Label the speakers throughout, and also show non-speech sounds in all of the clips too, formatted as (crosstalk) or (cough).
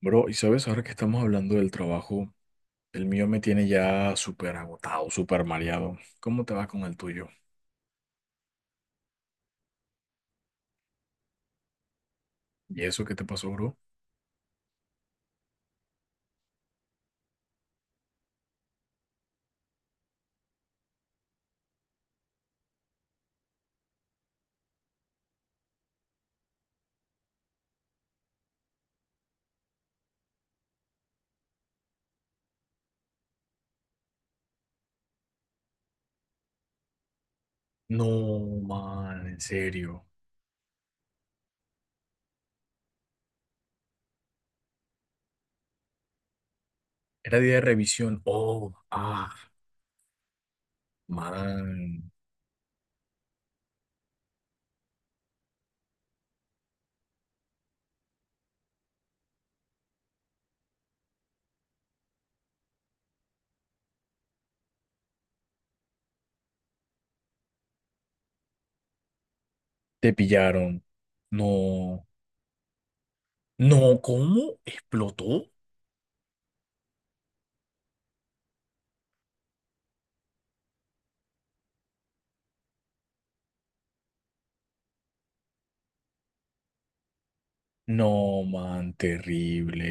Speaker 1: Bro, y sabes, ahora que estamos hablando del trabajo, el mío me tiene ya súper agotado, súper mareado. ¿Cómo te va con el tuyo? ¿Y eso qué te pasó, bro? No, man, en serio. Era día de revisión. Oh, ah, man. Te pillaron. No, no, ¿cómo? ¿Explotó? No, man, terrible.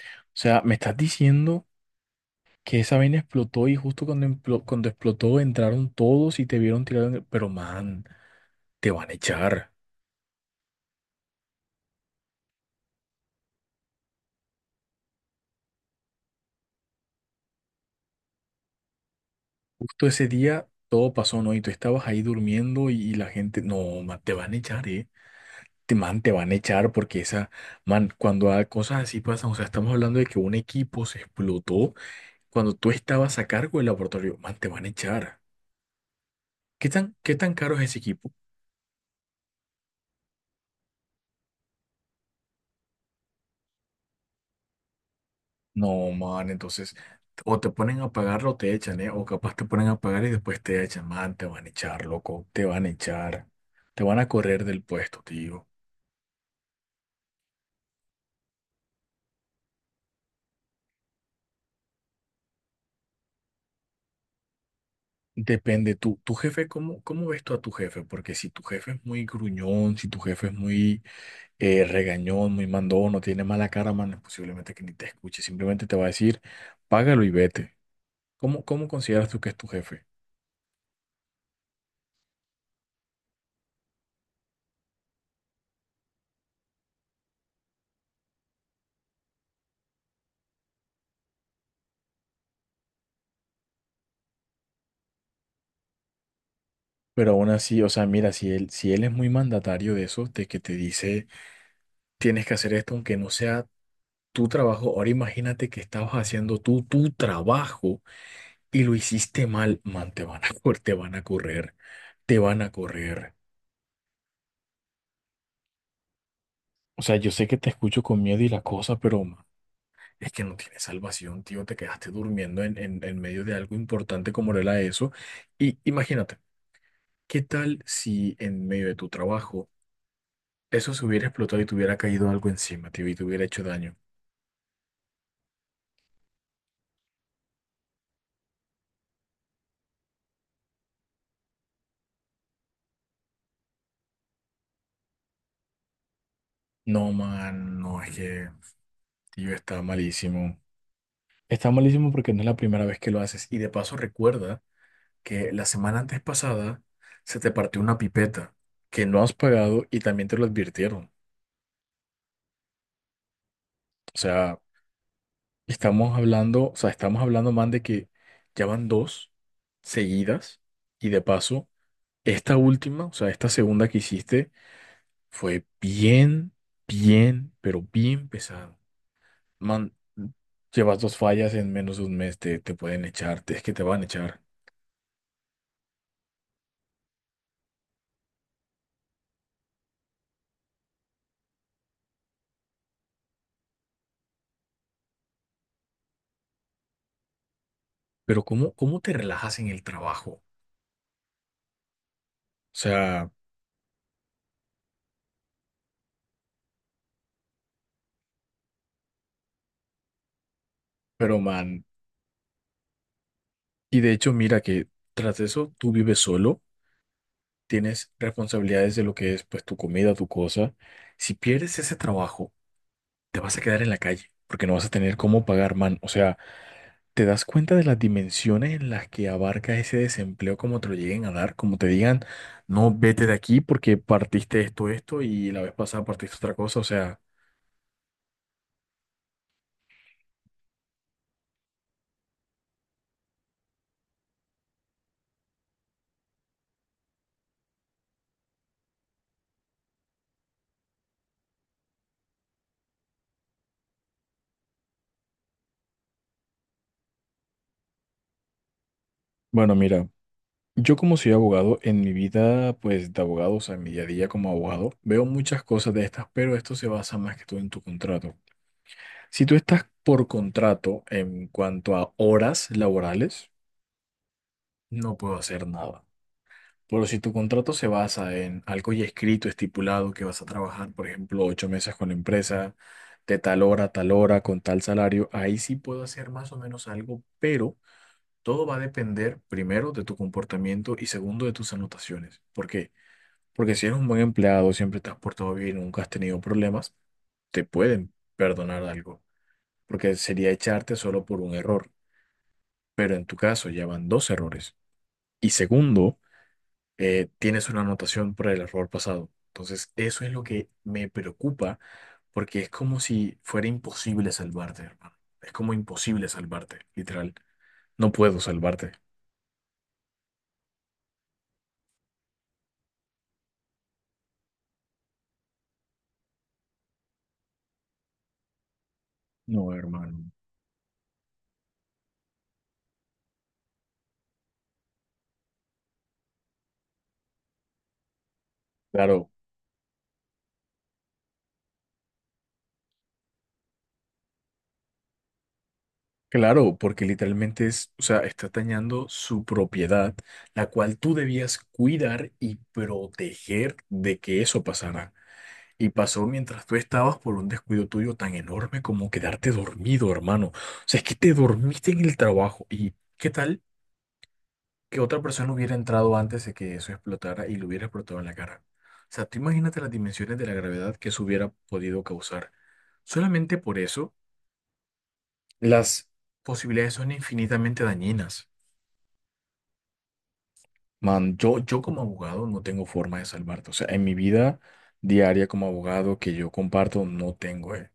Speaker 1: O sea, me estás diciendo. Que esa vaina explotó y justo cuando explotó entraron todos y te vieron tirado en el... Pero man, te van a echar. Justo ese día todo pasó, ¿no? Y tú estabas ahí durmiendo y la gente, no, man, te van a echar, ¿eh? Te, man, te van a echar porque esa, man, cuando hay cosas así pasan, o sea, estamos hablando de que un equipo se explotó cuando tú estabas a cargo del laboratorio, man, te van a echar. ¿Qué tan caro es ese equipo? No, man, entonces, o te ponen a pagar o te echan, ¿eh? O capaz te ponen a pagar y después te echan, man, te van a echar, loco, te van a echar, te van a correr del puesto, tío. Depende, tú, tu jefe, ¿cómo ves tú a tu jefe? Porque si tu jefe es muy gruñón, si tu jefe es muy regañón, muy mandón, o tiene mala cara, man, posiblemente que ni te escuche, simplemente te va a decir, págalo y vete. ¿Cómo consideras tú que es tu jefe? Pero aún así, o sea, mira, si él es muy mandatario de eso, de que te dice... tienes que hacer esto aunque no sea tu trabajo. Ahora imagínate que estabas haciendo tú tu trabajo y lo hiciste mal, man, te van a, (laughs) te van a correr, te van a correr. O sea, yo sé que te escucho con miedo y la cosa, pero man, es que no tienes salvación, tío, te quedaste durmiendo en medio de algo importante como era eso. Y imagínate, ¿qué tal si en medio de tu trabajo eso se hubiera explotado y te hubiera caído algo encima, tío, y te hubiera hecho daño? No, man, no, es que, tío, está malísimo. Está malísimo porque no es la primera vez que lo haces. Y de paso recuerda que la semana antes pasada se te partió una pipeta que no has pagado y también te lo advirtieron. O sea, estamos hablando, o sea, estamos hablando más de que ya van dos seguidas y de paso esta última, o sea, esta segunda que hiciste fue bien, bien, pero bien pesado. Man, llevas dos fallas en menos de un mes, te pueden echar, es que te van a echar. Pero ¿cómo te relajas en el trabajo? O sea, pero man, y de hecho mira que tras eso tú vives solo, tienes responsabilidades de lo que es pues tu comida, tu cosa. Si pierdes ese trabajo, te vas a quedar en la calle porque no vas a tener cómo pagar, man. O sea, ¿te das cuenta de las dimensiones en las que abarca ese desempleo como te lo lleguen a dar? Como te digan, no, vete de aquí porque partiste esto, esto y la vez pasada partiste otra cosa. O sea, bueno, mira. Yo como soy abogado, en mi vida pues de abogado, o sea, en mi día a día como abogado, veo muchas cosas de estas, pero esto se basa más que todo en tu contrato. Si tú estás por contrato en cuanto a horas laborales, no puedo hacer nada. Pero si tu contrato se basa en algo ya escrito, estipulado, que vas a trabajar, por ejemplo, ocho meses con la empresa, de tal hora a tal hora, con tal salario, ahí sí puedo hacer más o menos algo, pero todo va a depender primero de tu comportamiento y segundo de tus anotaciones. Porque si eres un buen empleado, siempre te has portado bien, nunca has tenido problemas, te pueden perdonar algo, porque sería echarte solo por un error. Pero en tu caso ya van dos errores. Y segundo, tienes una anotación por el error pasado. Entonces, eso es lo que me preocupa, porque es como si fuera imposible salvarte, hermano. Es como imposible salvarte, literal. No puedo salvarte. No, hermano. Claro, claro, porque literalmente es, o sea, está dañando su propiedad, la cual tú debías cuidar y proteger de que eso pasara. Y pasó mientras tú estabas por un descuido tuyo tan enorme como quedarte dormido, hermano. O sea, es que te dormiste en el trabajo. ¿Y qué tal que otra persona hubiera entrado antes de que eso explotara y lo hubiera explotado en la cara? O sea, tú imagínate las dimensiones de la gravedad que eso hubiera podido causar. Solamente por eso, las posibilidades son infinitamente dañinas. Man, yo como abogado no tengo forma de salvarte. O sea, en mi vida diaria como abogado que yo comparto, no tengo, eh.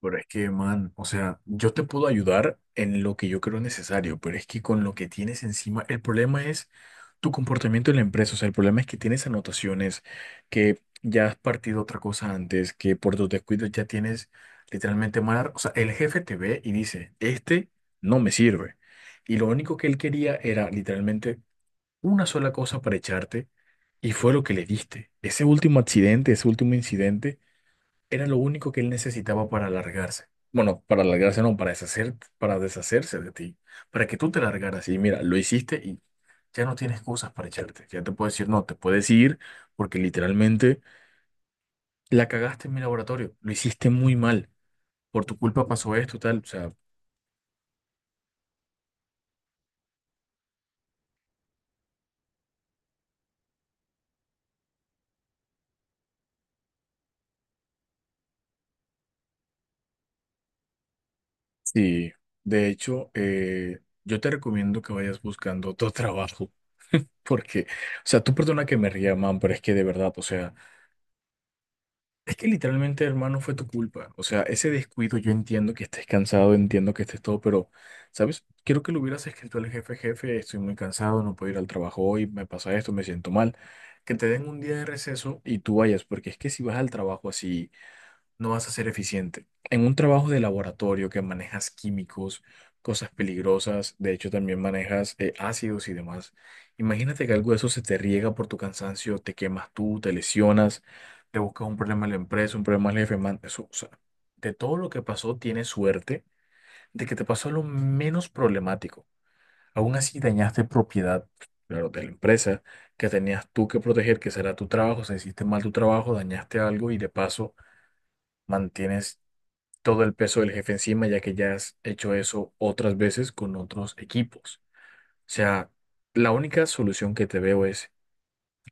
Speaker 1: Pero es que, man, o sea, yo te puedo ayudar en lo que yo creo necesario, pero es que con lo que tienes encima, el problema es tu comportamiento en la empresa. O sea, el problema es que tienes anotaciones, que ya has partido otra cosa antes, que por tus descuidos ya tienes literalmente mal. O sea, el jefe te ve y dice, este no me sirve. Y lo único que él quería era literalmente una sola cosa para echarte y fue lo que le diste. Ese último accidente, ese último incidente, era lo único que él necesitaba para alargarse. Bueno, para alargarse no, para deshacer, para deshacerse de ti, para que tú te largaras. Y mira, lo hiciste y ya no tienes cosas para echarte. Ya te puedes decir, no, te puedes ir porque literalmente la cagaste en mi laboratorio. Lo hiciste muy mal. Por tu culpa pasó esto, tal. O sea, sí. De hecho, yo te recomiendo que vayas buscando otro (laughs) trabajo. Porque, o sea, tú perdona que me ría, man, pero es que de verdad, o sea, es que literalmente, hermano, fue tu culpa. O sea, ese descuido, yo entiendo que estés cansado, entiendo que estés todo, pero, ¿sabes? Quiero que lo hubieras escrito al jefe, jefe, estoy muy cansado, no puedo ir al trabajo hoy, me pasa esto, me siento mal. Que te den un día de receso y tú vayas, porque es que si vas al trabajo así no vas a ser eficiente. En un trabajo de laboratorio que manejas químicos, cosas peligrosas, de hecho también manejas ácidos y demás, imagínate que algo de eso se te riega por tu cansancio, te quemas tú, te lesionas, te buscas un problema en la empresa, un problema al jefe, man, eso, o sea, de todo lo que pasó, tienes suerte de que te pasó lo menos problemático. Aún así dañaste propiedad, claro, de la empresa que tenías tú que proteger, que será tu trabajo, o sea, hiciste mal tu trabajo, dañaste algo y de paso mantienes todo el peso del jefe encima, ya que ya has hecho eso otras veces con otros equipos. O sea, la única solución que te veo es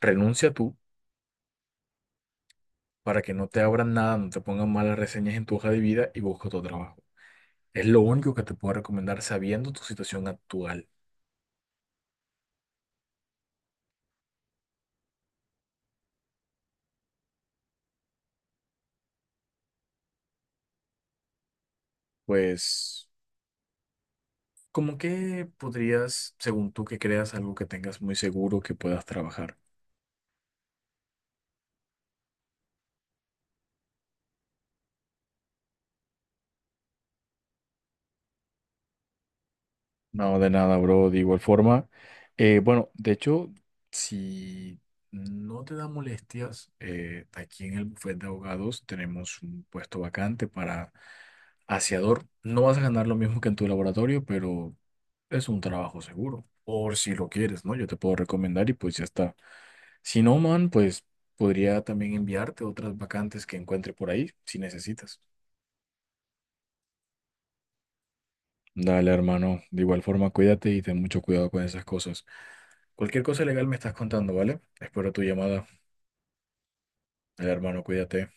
Speaker 1: renuncia tú para que no te abran nada, no te pongan malas reseñas en tu hoja de vida y busca otro trabajo. Es lo único que te puedo recomendar sabiendo tu situación actual. Pues, ¿cómo que podrías, según tú que creas, algo que tengas muy seguro que puedas trabajar? No, de nada, bro. De igual forma, bueno, de hecho, si no te da molestias, aquí en el bufete de abogados tenemos un puesto vacante para aseador. No vas a ganar lo mismo que en tu laboratorio, pero es un trabajo seguro. Por si lo quieres, ¿no? Yo te puedo recomendar y pues ya está. Si no, man, pues podría también enviarte otras vacantes que encuentre por ahí, si necesitas. Dale, hermano. De igual forma, cuídate y ten mucho cuidado con esas cosas. Cualquier cosa legal me estás contando, ¿vale? Espero tu llamada. El hermano, cuídate.